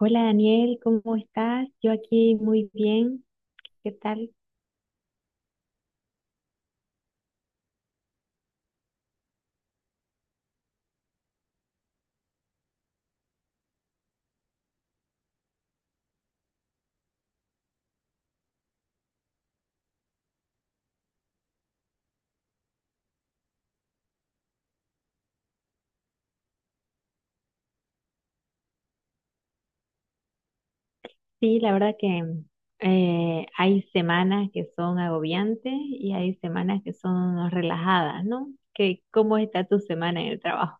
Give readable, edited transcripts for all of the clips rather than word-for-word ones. Hola Daniel, ¿cómo estás? Yo aquí muy bien, ¿qué tal? Sí, la verdad que hay semanas que son agobiantes y hay semanas que son relajadas, ¿no? ¿Cómo está tu semana en el trabajo?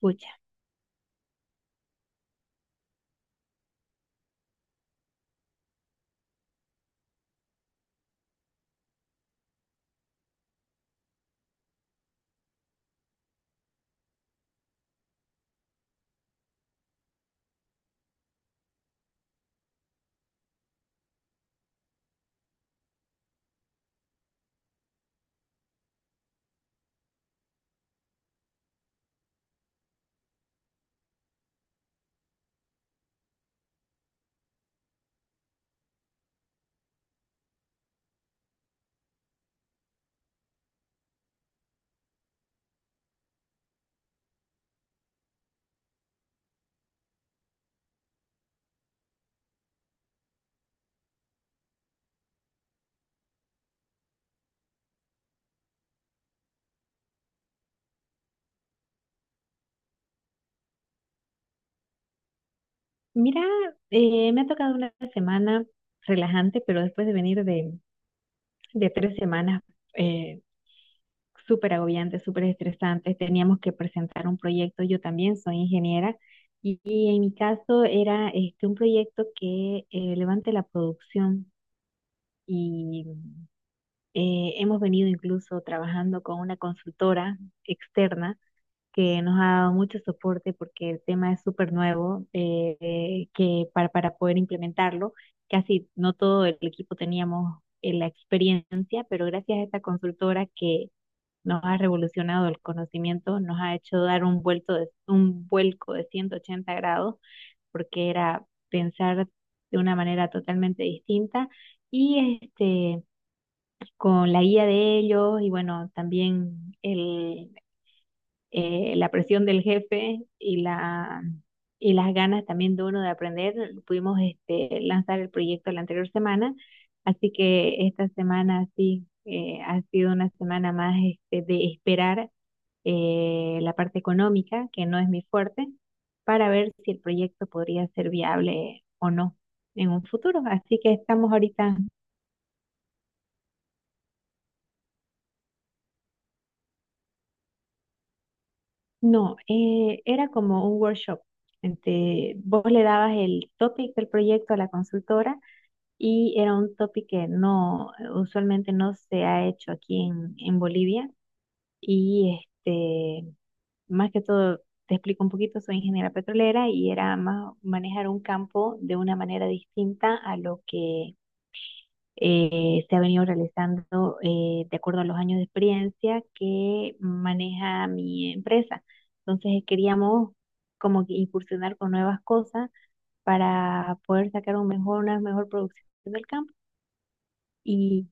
Pucha, mira, me ha tocado una semana relajante, pero después de venir de tres semanas eh, súper agobiantes, súper estresantes. Teníamos que presentar un proyecto. Yo también soy ingeniera y en mi caso era este, un proyecto que levante la producción y hemos venido incluso trabajando con una consultora externa que nos ha dado mucho soporte porque el tema es súper nuevo, que para poder implementarlo, casi no todo el equipo teníamos la experiencia, pero gracias a esta consultora que nos ha revolucionado el conocimiento, nos ha hecho dar un un vuelco de 180 grados, porque era pensar de una manera totalmente distinta. Y este, con la guía de ellos y bueno, también la presión del jefe y las ganas también de uno de aprender, pudimos este, lanzar el proyecto la anterior semana, así que esta semana sí ha sido una semana más este, de esperar la parte económica, que no es mi fuerte, para ver si el proyecto podría ser viable o no en un futuro. Así que estamos ahorita. No, era como un workshop. Vos le dabas el topic del proyecto a la consultora y era un topic que no, usualmente no se ha hecho aquí en Bolivia. Y este, más que todo, te explico un poquito, soy ingeniera petrolera y era más manejar un campo de una manera distinta a lo que se ha venido realizando de acuerdo a los años de experiencia que maneja mi empresa. Entonces queríamos como que incursionar con nuevas cosas para poder sacar un una mejor producción del campo. Y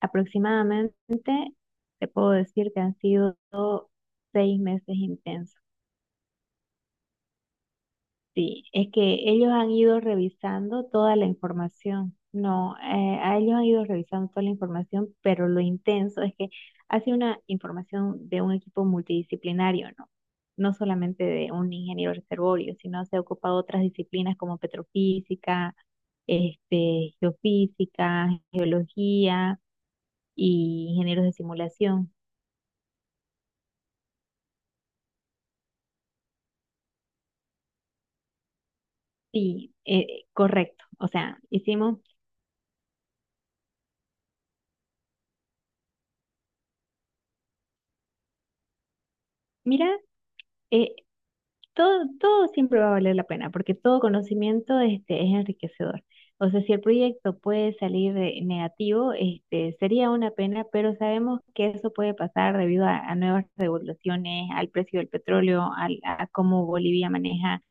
aproximadamente te puedo decir que han sido seis meses intensos. Sí, es que ellos han ido revisando toda la información. No, a ellos han ido revisando toda la información, pero lo intenso es que hace una información de un equipo multidisciplinario, ¿no? No solamente de un ingeniero reservorio, sino se ha ocupado otras disciplinas como petrofísica, este, geofísica, geología y ingenieros de simulación. Sí, correcto. O sea, hicimos, mira, eh, todo, todo siempre va a valer la pena, porque todo conocimiento este, es enriquecedor. O sea, si el proyecto puede salir negativo, este, sería una pena, pero sabemos que eso puede pasar debido a nuevas regulaciones, al precio del petróleo, al- a cómo Bolivia maneja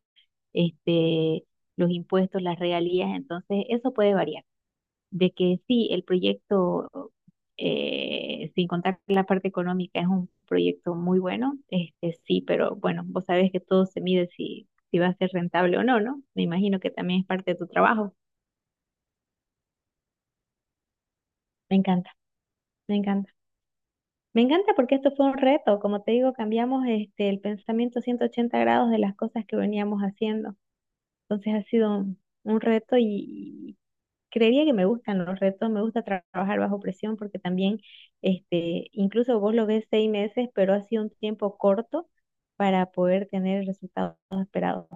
este, los impuestos, las regalías, entonces eso puede variar de que sí, el proyecto, sin contar la parte económica, es un proyecto muy bueno, este sí, pero bueno, vos sabés que todo se mide si, si va a ser rentable o no, ¿no? Me imagino que también es parte de tu trabajo. Me encanta, me encanta. Me encanta porque esto fue un reto, como te digo, cambiamos este, el pensamiento 180 grados de las cosas que veníamos haciendo. Entonces ha sido un reto y creería que me gustan los retos, me gusta trabajar bajo presión porque también, este, incluso vos lo ves seis meses, pero ha sido un tiempo corto para poder tener el resultado esperado.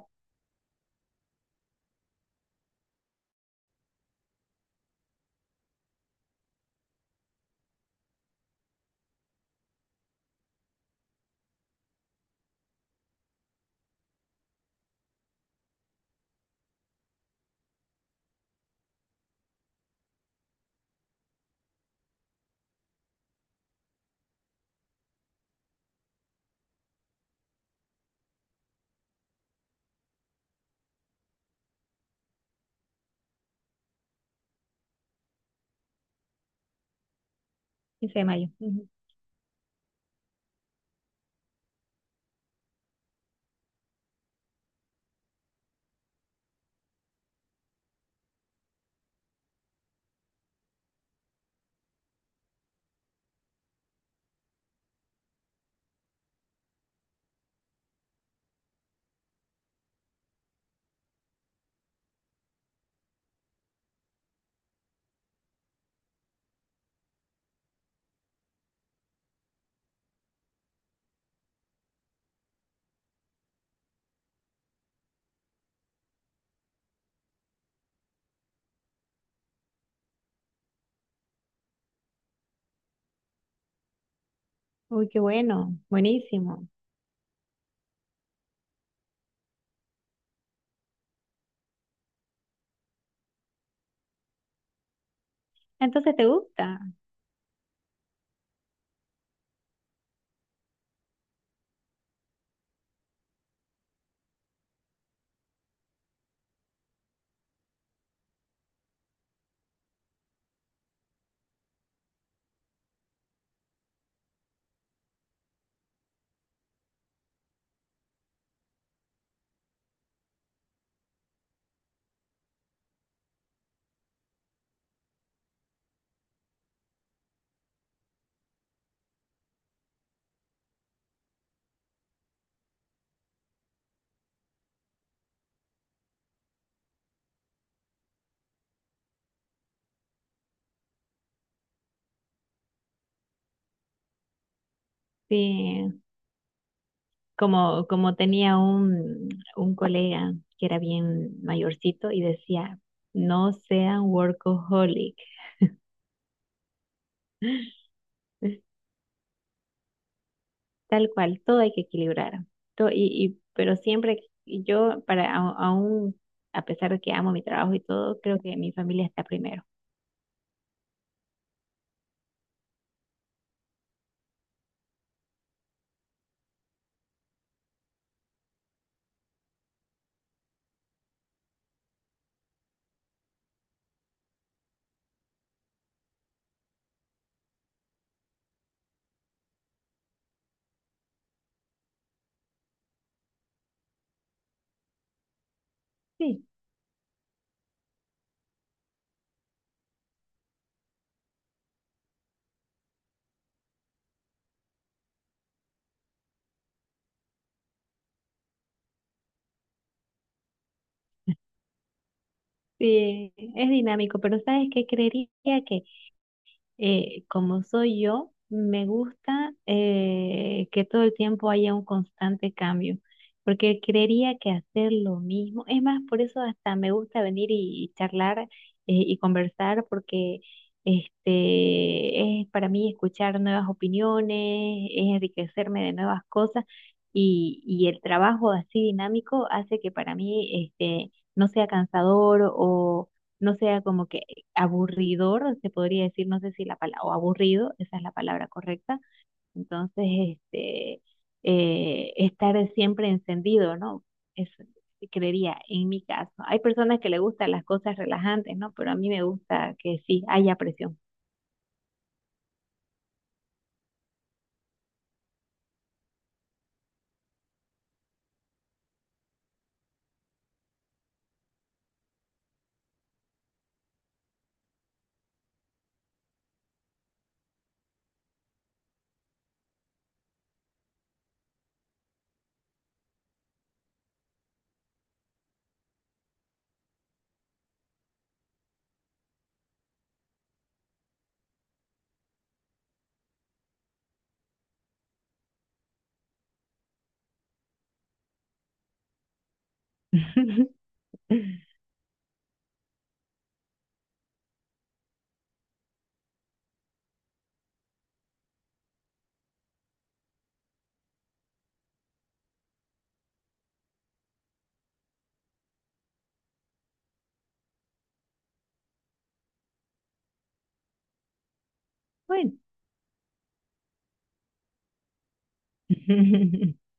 Quince de mayo. Ujú. Uy, qué bueno, buenísimo. Entonces, ¿te gusta? Sí, como, como tenía un colega que era bien mayorcito y decía, no sean workaholic. Tal cual, todo hay que equilibrar. To- y, pero siempre y yo, aún, a pesar de que amo mi trabajo y todo, creo que mi familia está primero. Sí, sí, es dinámico, pero ¿sabes qué? Creería que como soy yo, me gusta que todo el tiempo haya un constante cambio, porque creería que hacer lo mismo, es más, por eso hasta me gusta venir y charlar y conversar, porque este, es para mí escuchar nuevas opiniones, es enriquecerme de nuevas cosas. Y el trabajo así dinámico hace que para mí este, no sea cansador o no sea como que aburridor, se podría decir, no sé si la palabra, o aburrido, esa es la palabra correcta. Entonces, este, estar siempre encendido, ¿no? Eso creería en mi caso. Hay personas que le gustan las cosas relajantes, ¿no? Pero a mí me gusta que sí haya presión. Bueno,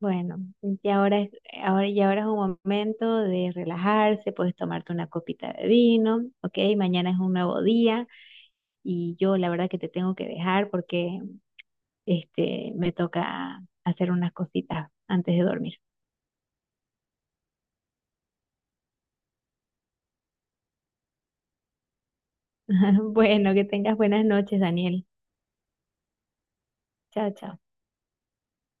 bueno, y ahora es, y ahora es un momento de relajarse, puedes tomarte una copita de vino, ¿ok? Mañana es un nuevo día. Y yo la verdad que te tengo que dejar porque este me toca hacer unas cositas antes de dormir. Bueno, que tengas buenas noches, Daniel. Chao, chao.